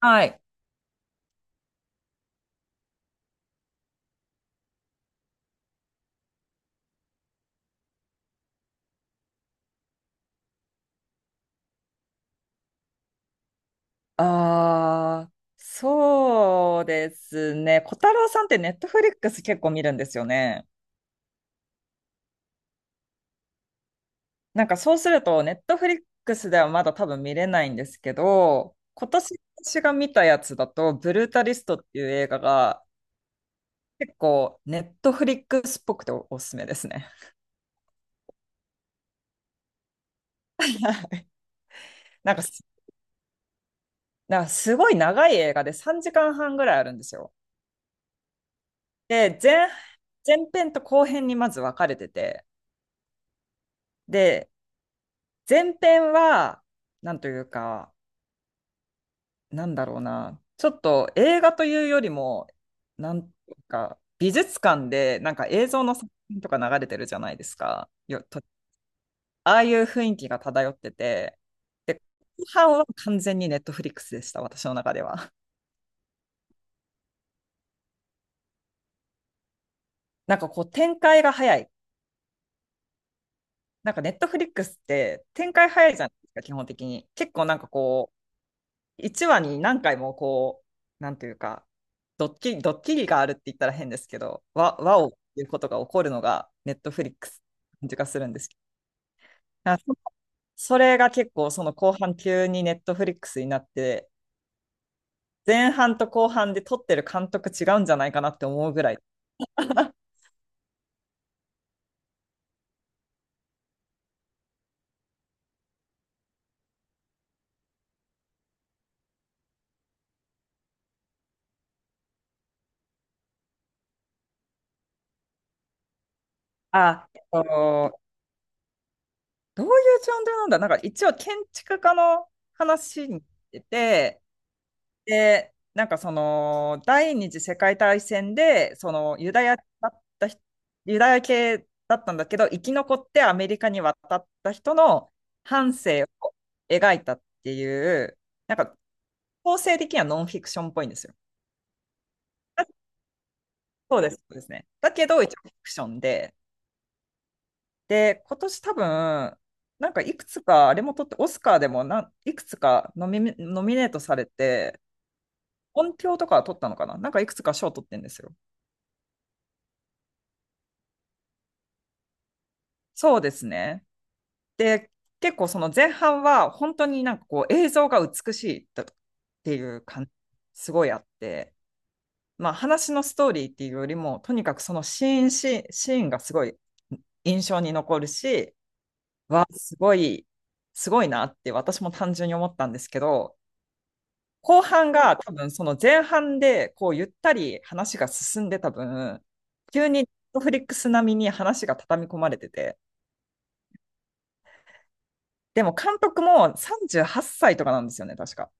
はい。ああ、そうですね。小太郎さんってネットフリックス結構見るんですよね。なんかそうすると、ネットフリックスではまだ多分見れないんですけど、今年私が見たやつだと、ブルータリストっていう映画が結構ネットフリックスっぽくておすすめですね。なんかす、なんかすごい長い映画で3時間半ぐらいあるんですよ。で、前編と後編にまず分かれてて、で、前編は、なんというか、なんだろうな、ちょっと映画というよりも、なんか美術館でなんか映像の作品とか流れてるじゃないですか。ああいう雰囲気が漂ってて、で、後半は完全にネットフリックスでした、私の中では。なんかこう展開が早い。なんかネットフリックスって展開早いじゃないですか、基本的に。結構なんかこう、1話に何回もこう、なんというか、ドッキリがあるって言ったら変ですけど、わおっていうことが起こるのが、ネットフリックス感じがするんですけど、それが結構、その後半急にネットフリックスになって、前半と後半で撮ってる監督違うんじゃないかなって思うぐらい。あ、どういうジャンルなんだなんか一応建築家の話に出てて、で、なんかその、第二次世界大戦で、その、ユダヤだった人、ユダヤ系だったんだけど、生き残ってアメリカに渡った人の半生を描いたっていう、なんか、構成的にはノンフィクションっぽいんですよ。あ、そうです、そうですね。だけど、一応フィクションで、で、今年多分、なんかいくつか、あれも取って、オスカーでもいくつかノミネートされて、音響とかは取ったのかな、なんかいくつか賞取ってんですよ。そうですね。で、結構その前半は本当になんかこう映像が美しいだっていう感じ、すごいあって、まあ話のストーリーっていうよりも、とにかくそのシーンシーン、シーンがすごい印象に残るし、わ、すごい、すごいなって私も単純に思ったんですけど、後半が多分その前半でこうゆったり話が進んでた分、急に Netflix 並みに話が畳み込まれてて、でも監督も38歳とかなんですよね、確か。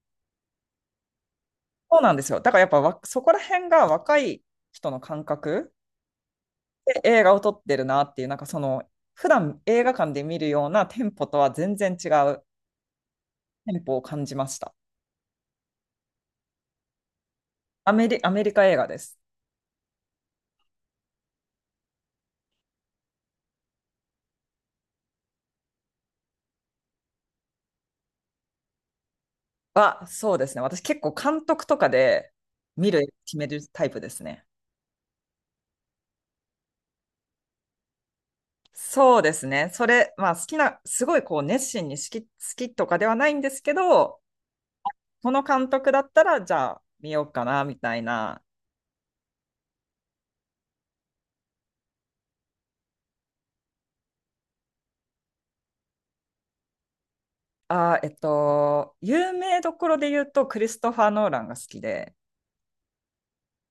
そうなんですよ。だからやっぱそこら辺が若い人の感覚で映画を撮ってるなっていう、なんかその、普段映画館で見るようなテンポとは全然違うテンポを感じました。アメリカ映画です。そうですね。私結構監督とかで見る、決めるタイプですね。そうですね。それ、まあ好きな、すごいこう熱心に好きとかではないんですけど、この監督だったら、じゃあ見ようかな、みたいな。有名どころで言うと、クリストファー・ノーランが好きで、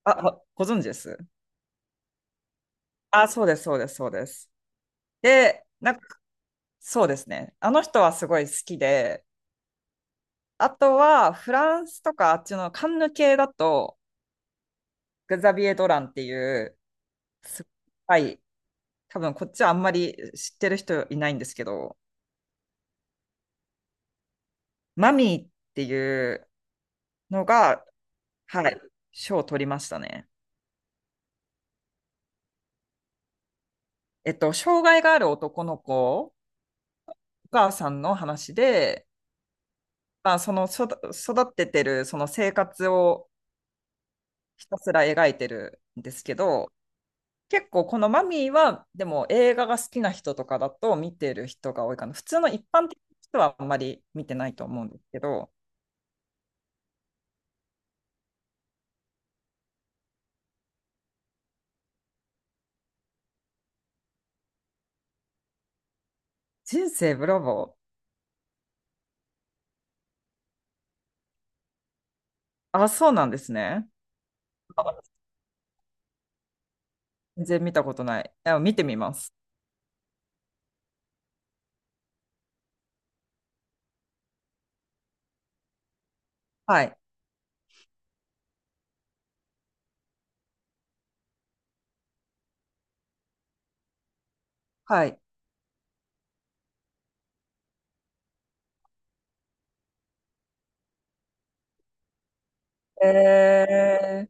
あご存知です？あ、そうです、そうです、そうです。で、なんか、そうですね。あの人はすごい好きで、あとは、フランスとかあっちのカンヌ系だと、グザビエ・ドランっていう、すはい、多分こっちはあんまり知ってる人いないんですけど、マミーっていうのが、はい、賞を取りましたね。障害がある男の子お母さんの話で、まあ、その育っててるその生活をひたすら描いてるんですけど、結構このマミーは、でも映画が好きな人とかだと見てる人が多いかな。普通の一般的な人はあんまり見てないと思うんですけど、人生ブラボー。あ、そうなんですね。あ、全然見たことない。あ、見てみます。はい。はい。えー、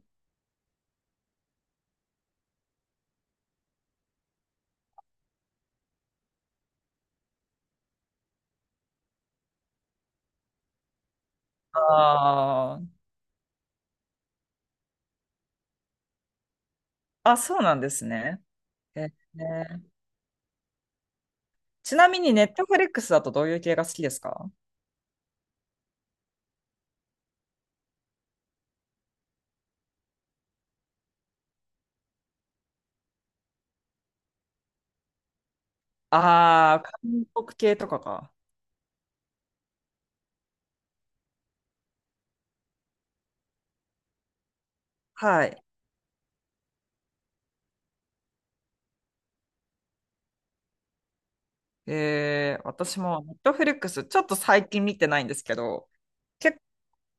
あーあ、そうなんですね。えーちなみに、ネットフリックスだとどういう系が好きですか？ああー、韓国系とかか。はい。私もネットフリックス、ちょっと最近見てないんですけど、結構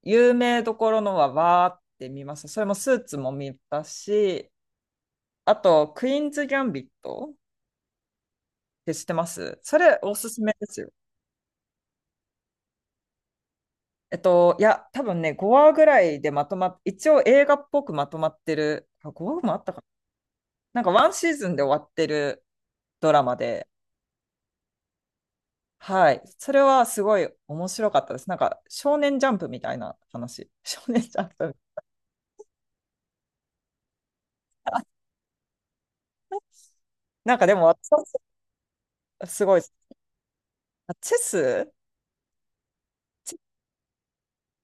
有名どころのはわーって見ます。それもスーツも見たし、あと、クイーンズ・ギャンビットって知ってます？それ、おすすめですよ。いや、多分ね、5話ぐらいでまとまっ、一応映画っぽくまとまってる、あ、5話もあったかな。なんかワンシーズンで終わってるドラマで、はい。それはすごい面白かったです。なんか、少年ジャンプみたいな話。少年ジャンプ。なんかでも、私はすごい。あ、チェス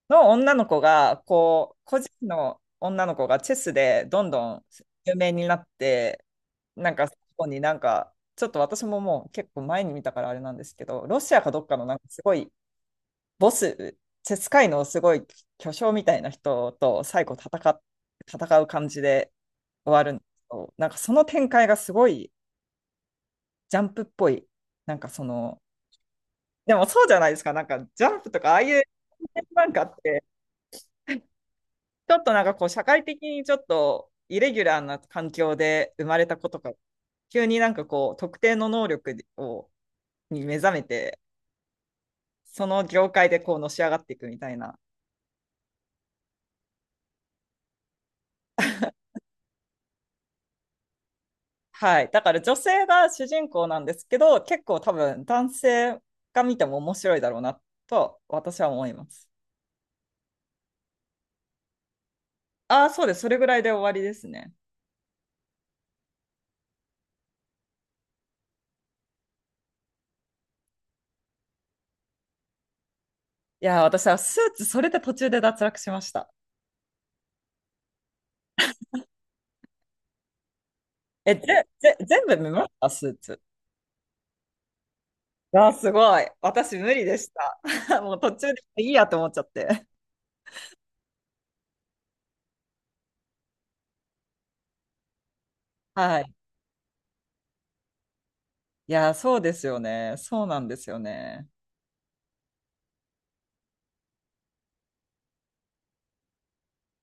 の女の子が、こう、個人の女の子がチェスでどんどん有名になって、なんか、そこになんか、ちょっと私ももう結構前に見たからあれなんですけど、ロシアかどっかのなんかすごいボス、セスカイのすごい巨匠みたいな人と最後戦う感じで終わるんですけど、なんかその展開がすごいジャンプっぽい、なんかその、でもそうじゃないですか、なんかジャンプとかああいうなんかって、ちょっとなんかこう社会的にちょっとイレギュラーな環境で生まれた子とか、急になんかこう特定の能力をに目覚めて、その業界でこうのし上がっていくみたいな。はい。だから女性が主人公なんですけど、結構多分男性が見ても面白いだろうなと私は思います。ああ、そうです。それぐらいで終わりですね。いやー、私はスーツ、それで途中で脱落しました。え、全部見ましたスーツ？ああ、すごい。私無理でした。もう途中でいいやと思っちゃって。はい。いやー、そうですよね。そうなんですよね。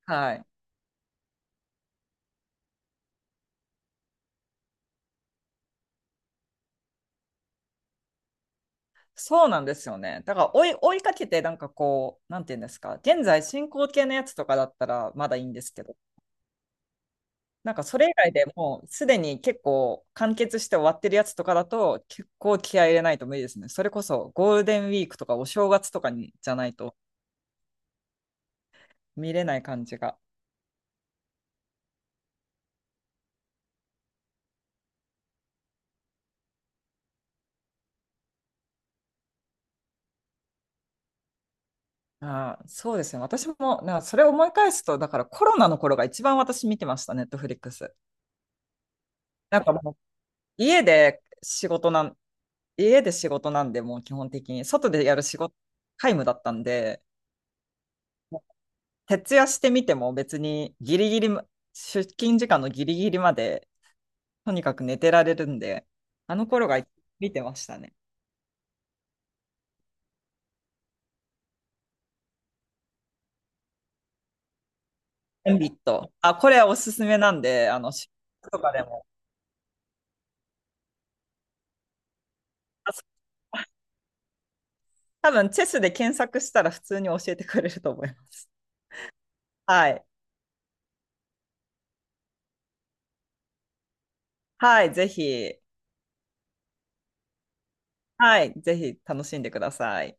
はい。そうなんですよね。だから追いかけて、なんかこう、なんていうんですか、現在進行形のやつとかだったらまだいいんですけど、なんかそれ以外でもうすでに結構完結して終わってるやつとかだと、結構気合い入れないと無理ですね。それこそゴールデンウィークとかお正月とかにじゃないと見れない感じが。ああ、そうですね。私も、なんかそれを思い返すと、だからコロナの頃が一番私見てました、ネットフリックス。なんかもう家で仕事な家で仕事なんで、もう基本的に、外でやる仕事、皆無だったんで、もう徹夜してみても別にギリギリま出勤時間のギリギリまで、とにかく寝てられるんで、あの頃が見てましたね。オンビット。あ、これおすすめなんで、仕事とかでも。あ、多分、チェスで検索したら普通に教えてくれると思います。はい。はい、ぜひ、はい、ぜひ楽しんでください。